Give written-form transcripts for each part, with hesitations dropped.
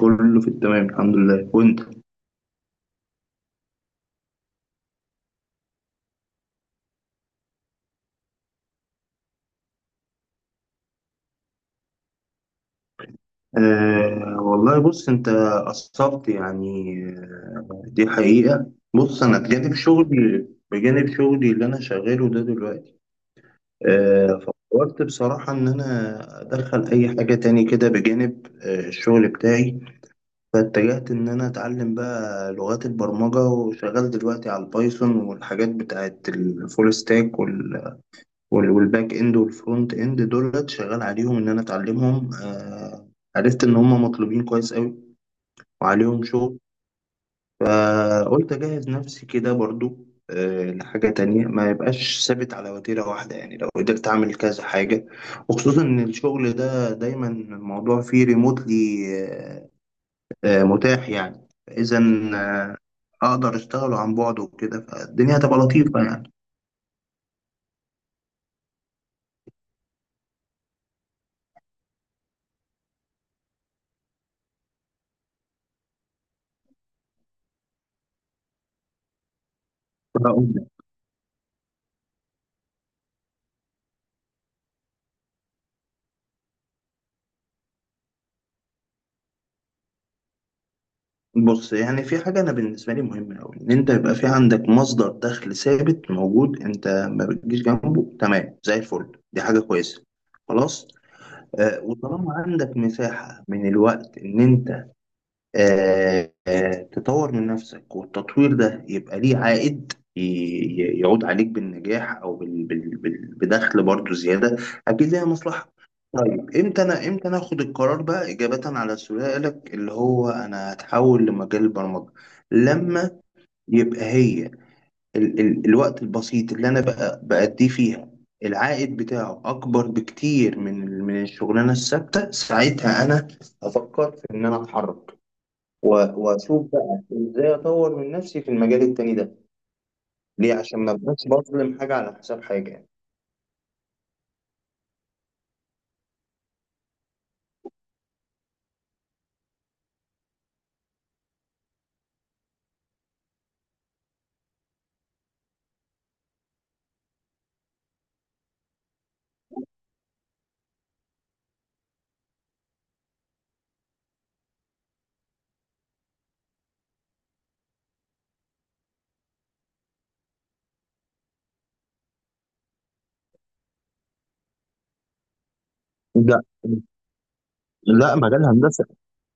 كله في التمام، الحمد لله، وانت؟ والله، بص انت قصرت يعني. دي حقيقة. بص، انا بجانب شغلي، اللي انا شغاله ده دلوقتي. آه فكرت بصراحة ان انا ادخل اي حاجة تاني كده بجانب الشغل بتاعي. فاتجهت ان انا اتعلم بقى لغات البرمجة، وشغال دلوقتي على البايثون والحاجات بتاعت الفول ستاك، والباك اند والفرونت اند دولت، شغال عليهم ان انا اتعلمهم. عرفت ان هم مطلوبين كويس قوي وعليهم شغل. فقلت اجهز نفسي كده برضو لحاجة تانية، ما يبقاش ثابت على وتيرة واحدة. يعني لو قدرت اعمل كذا حاجة، وخصوصا ان الشغل ده دايما الموضوع فيه ريموتلي، آه متاح يعني. فاذا آه، اقدر اشتغله عن بعد وكده، فالدنيا هتبقى لطيفة. يعني بص، يعني في حاجة أنا بالنسبة لي مهمة أوي، إن أنت يبقى في عندك مصدر دخل ثابت موجود أنت ما بتجيش جنبه، تمام زي الفل. دي حاجة كويسة. خلاص. وطالما عندك مساحة من الوقت إن أنت تطور من نفسك، والتطوير ده يبقى ليه عائد، يعود عليك بالنجاح، او بدخل برضو زياده. اكيد ليها مصلحه. طيب، امتى انا، امتى انا اخد القرار بقى، اجابه على سؤالك اللي هو انا هتحول لمجال البرمجه؟ لما يبقى هي، ال ال الوقت البسيط اللي انا بقى بأديه فيها العائد بتاعه اكبر بكتير من الشغلانه الثابته، ساعتها انا افكر في ان انا اتحرك، واشوف بقى ازاي اطور من نفسي في المجال التاني ده. ليه؟ عشان ما ابقاش بظلم حاجه على حساب حاجه يعني. لا. لا، مجال الهندسة،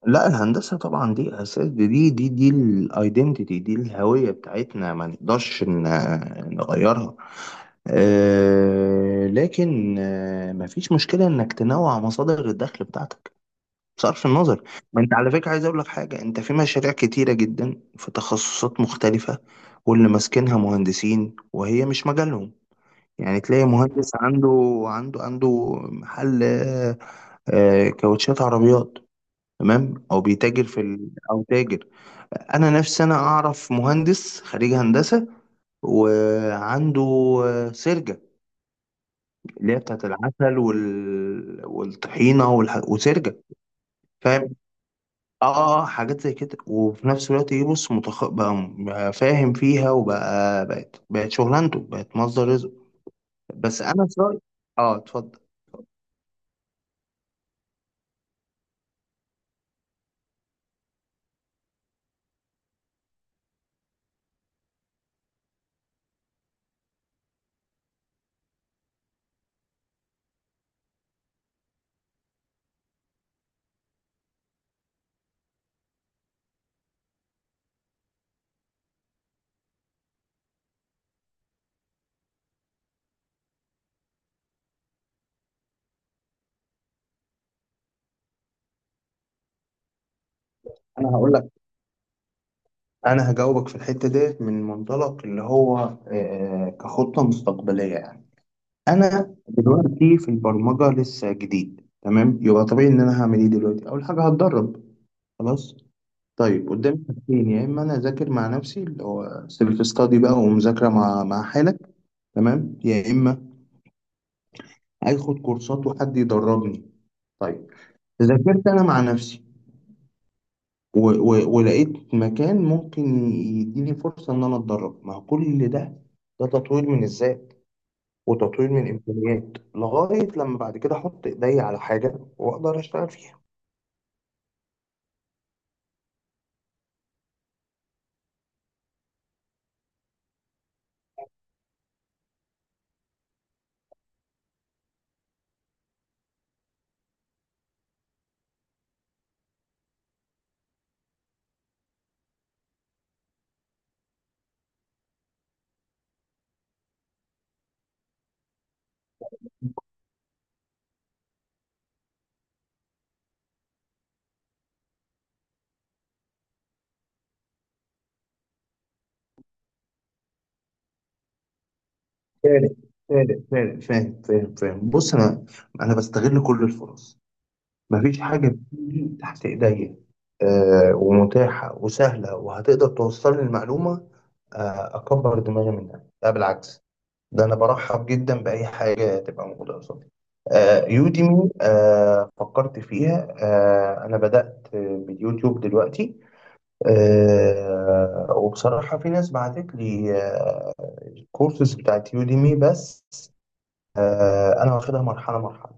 لا الهندسة طبعا دي أساس، دي الايدنتيتي، دي الهوية بتاعتنا، ما نقدرش نغيرها. لكن مفيش مشكلة إنك تنوع مصادر الدخل بتاعتك، صرف النظر. ما انت على فكرة عايز اقول لك حاجة، انت في مشاريع كتيرة جدا في تخصصات مختلفة واللي ماسكينها مهندسين وهي مش مجالهم. يعني تلاقي مهندس عنده محل كاوتشات عربيات، تمام، او بيتاجر في ال... او تاجر. انا نفسي انا اعرف مهندس خريج هندسة، وعنده سرجة اللي هي بتاعت العسل وال... والطحينة والح... وسرجة، فاهم؟ اه اه، حاجات زي كده. وفي نفس الوقت ايه، بص، متخ... بقى بقى فاهم فيها، وبقى بقت بقت شغلانته، بقت مصدر رزق. بس انا في رأيي، اه اتفضل. انا هقول لك، انا هجاوبك في الحتة ديت من منطلق اللي هو كخطة مستقبلية يعني. انا دلوقتي في البرمجة لسه جديد، تمام؟ يبقى طبيعي ان انا هعمل ايه دلوقتي؟ اول حاجة، هتدرب. خلاص. طيب قدامي حاجتين، يا اما انا اذاكر مع نفسي اللي هو سيلف ستادي بقى، ومذاكرة مع حالك، تمام، يا اما اخد كورسات وحد يدربني. طيب، ذاكرت انا مع نفسي و و ولقيت مكان ممكن يديني فرصة ان انا اتدرب. ما هو كل ده ده تطوير من الذات وتطوير من الامكانيات، لغاية لما بعد كده احط ايدي على حاجة واقدر اشتغل فيها. فاهم. بص انا، بستغل كل الفرص، مفيش حاجة بتيجي تحت ايديا ومتاحة وسهلة وهتقدر توصل لي المعلومة اكبر دماغي منها، لا بالعكس. ده انا برحب جدا باي حاجه تبقى موجوده قصادي. يوديمي، فكرت فيها. انا بدات باليوتيوب دلوقتي. وبصراحه في ناس بعتت لي الكورسز بتاعت يوديمي، بس انا واخدها مرحله مرحله.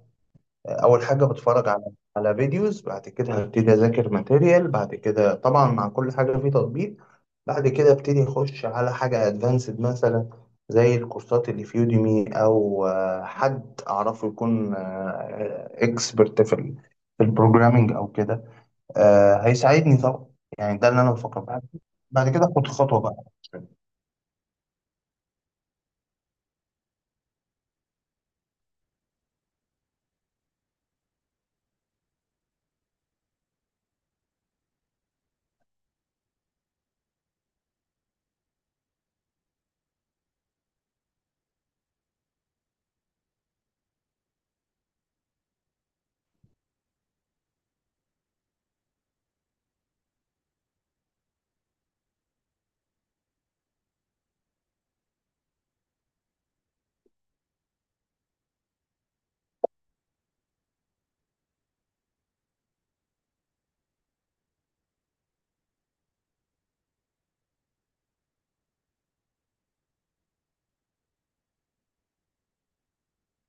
اول حاجه بتفرج على فيديوز، بعد كده هبتدي اذاكر ماتيريال، بعد كده طبعا مع كل حاجه في تطبيق، بعد كده ابتدي اخش على حاجه ادفانسد مثلا زي الكورسات اللي في يوديمي، او حد اعرفه يكون اكسبرت في في البروجرامينج او كده، هيساعدني طبعا. يعني ده اللي انا بفكر، بعد كده اخد خطوه بقى.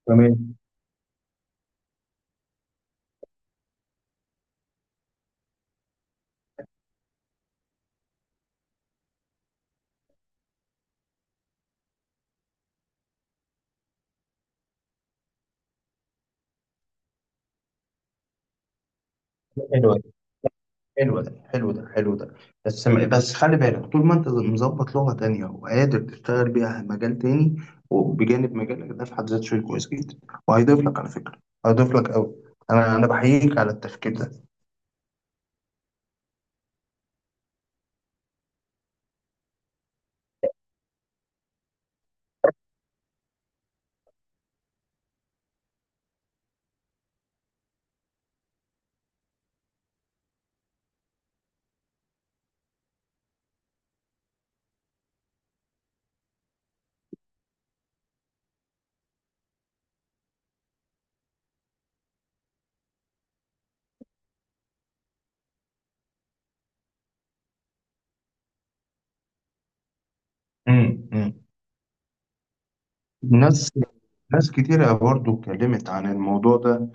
تمام. حلو، حلو ده، حلو ده، حلو ده. بس بس خلي بالك، طول ما انت مظبط لغة تانية وقادر تشتغل بيها مجال تاني، وبجانب مجالك ده في حد ذاته، شيء كويس جدا. وهيضيف لك على فكرة، هيضيف لك قوي. انا بحييك على التفكير ده. امم امم ناس ناس كتيرة برضو اتكلمت عن الموضوع ده.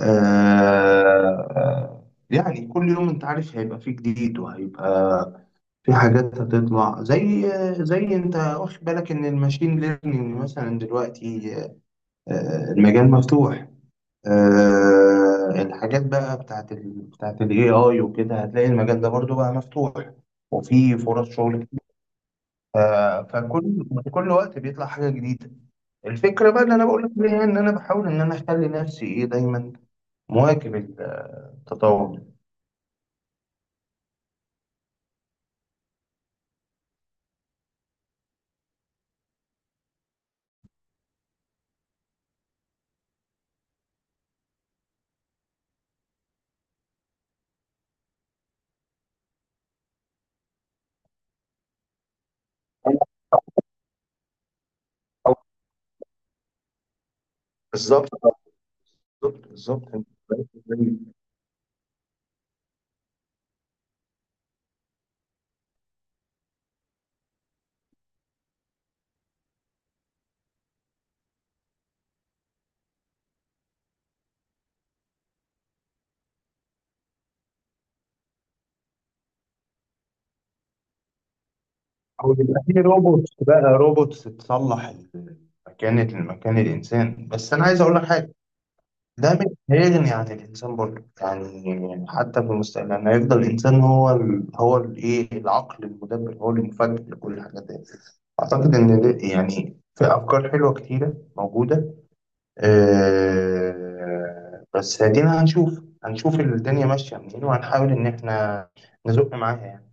آه يعني كل يوم انت عارف هيبقى فيه جديد، وهيبقى في حاجات هتطلع. زي انت واخد بالك ان الماشين ليرنينج مثلا دلوقتي، المجال مفتوح. الحاجات بقى بتاعت ال AI وكده، هتلاقي المجال ده برضو بقى مفتوح وفي فرص شغل كتير. فكل، وقت بيطلع حاجة جديدة. الفكرة بقى اللي أنا بقول لك عليها إن أنا بحاول إن أنا أخلي نفسي إيه دايما مواكب التطور ده. أنا بحاول- بالظبط، بالظبط، بالظبط. أو يبقى في روبوتس، بقى روبوتس تصلح مكان الإنسان. بس أنا عايز أقول لك حاجة، ده مش هيغني عن الإنسان برضه، يعني حتى في المستقبل يعني هيفضل الإنسان هو ال هو الإيه العقل المدبر، هو اللي مفكر لكل الحاجات دي. أعتقد إن يعني في أفكار حلوة كتيرة موجودة. بس هدينا، هنشوف الدنيا ماشية منين، وهنحاول إن إحنا نزق معاها يعني.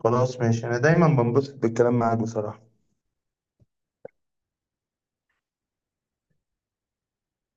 خلاص، ماشي. أنا دايما بنبسط بالكلام معاك بصراحة.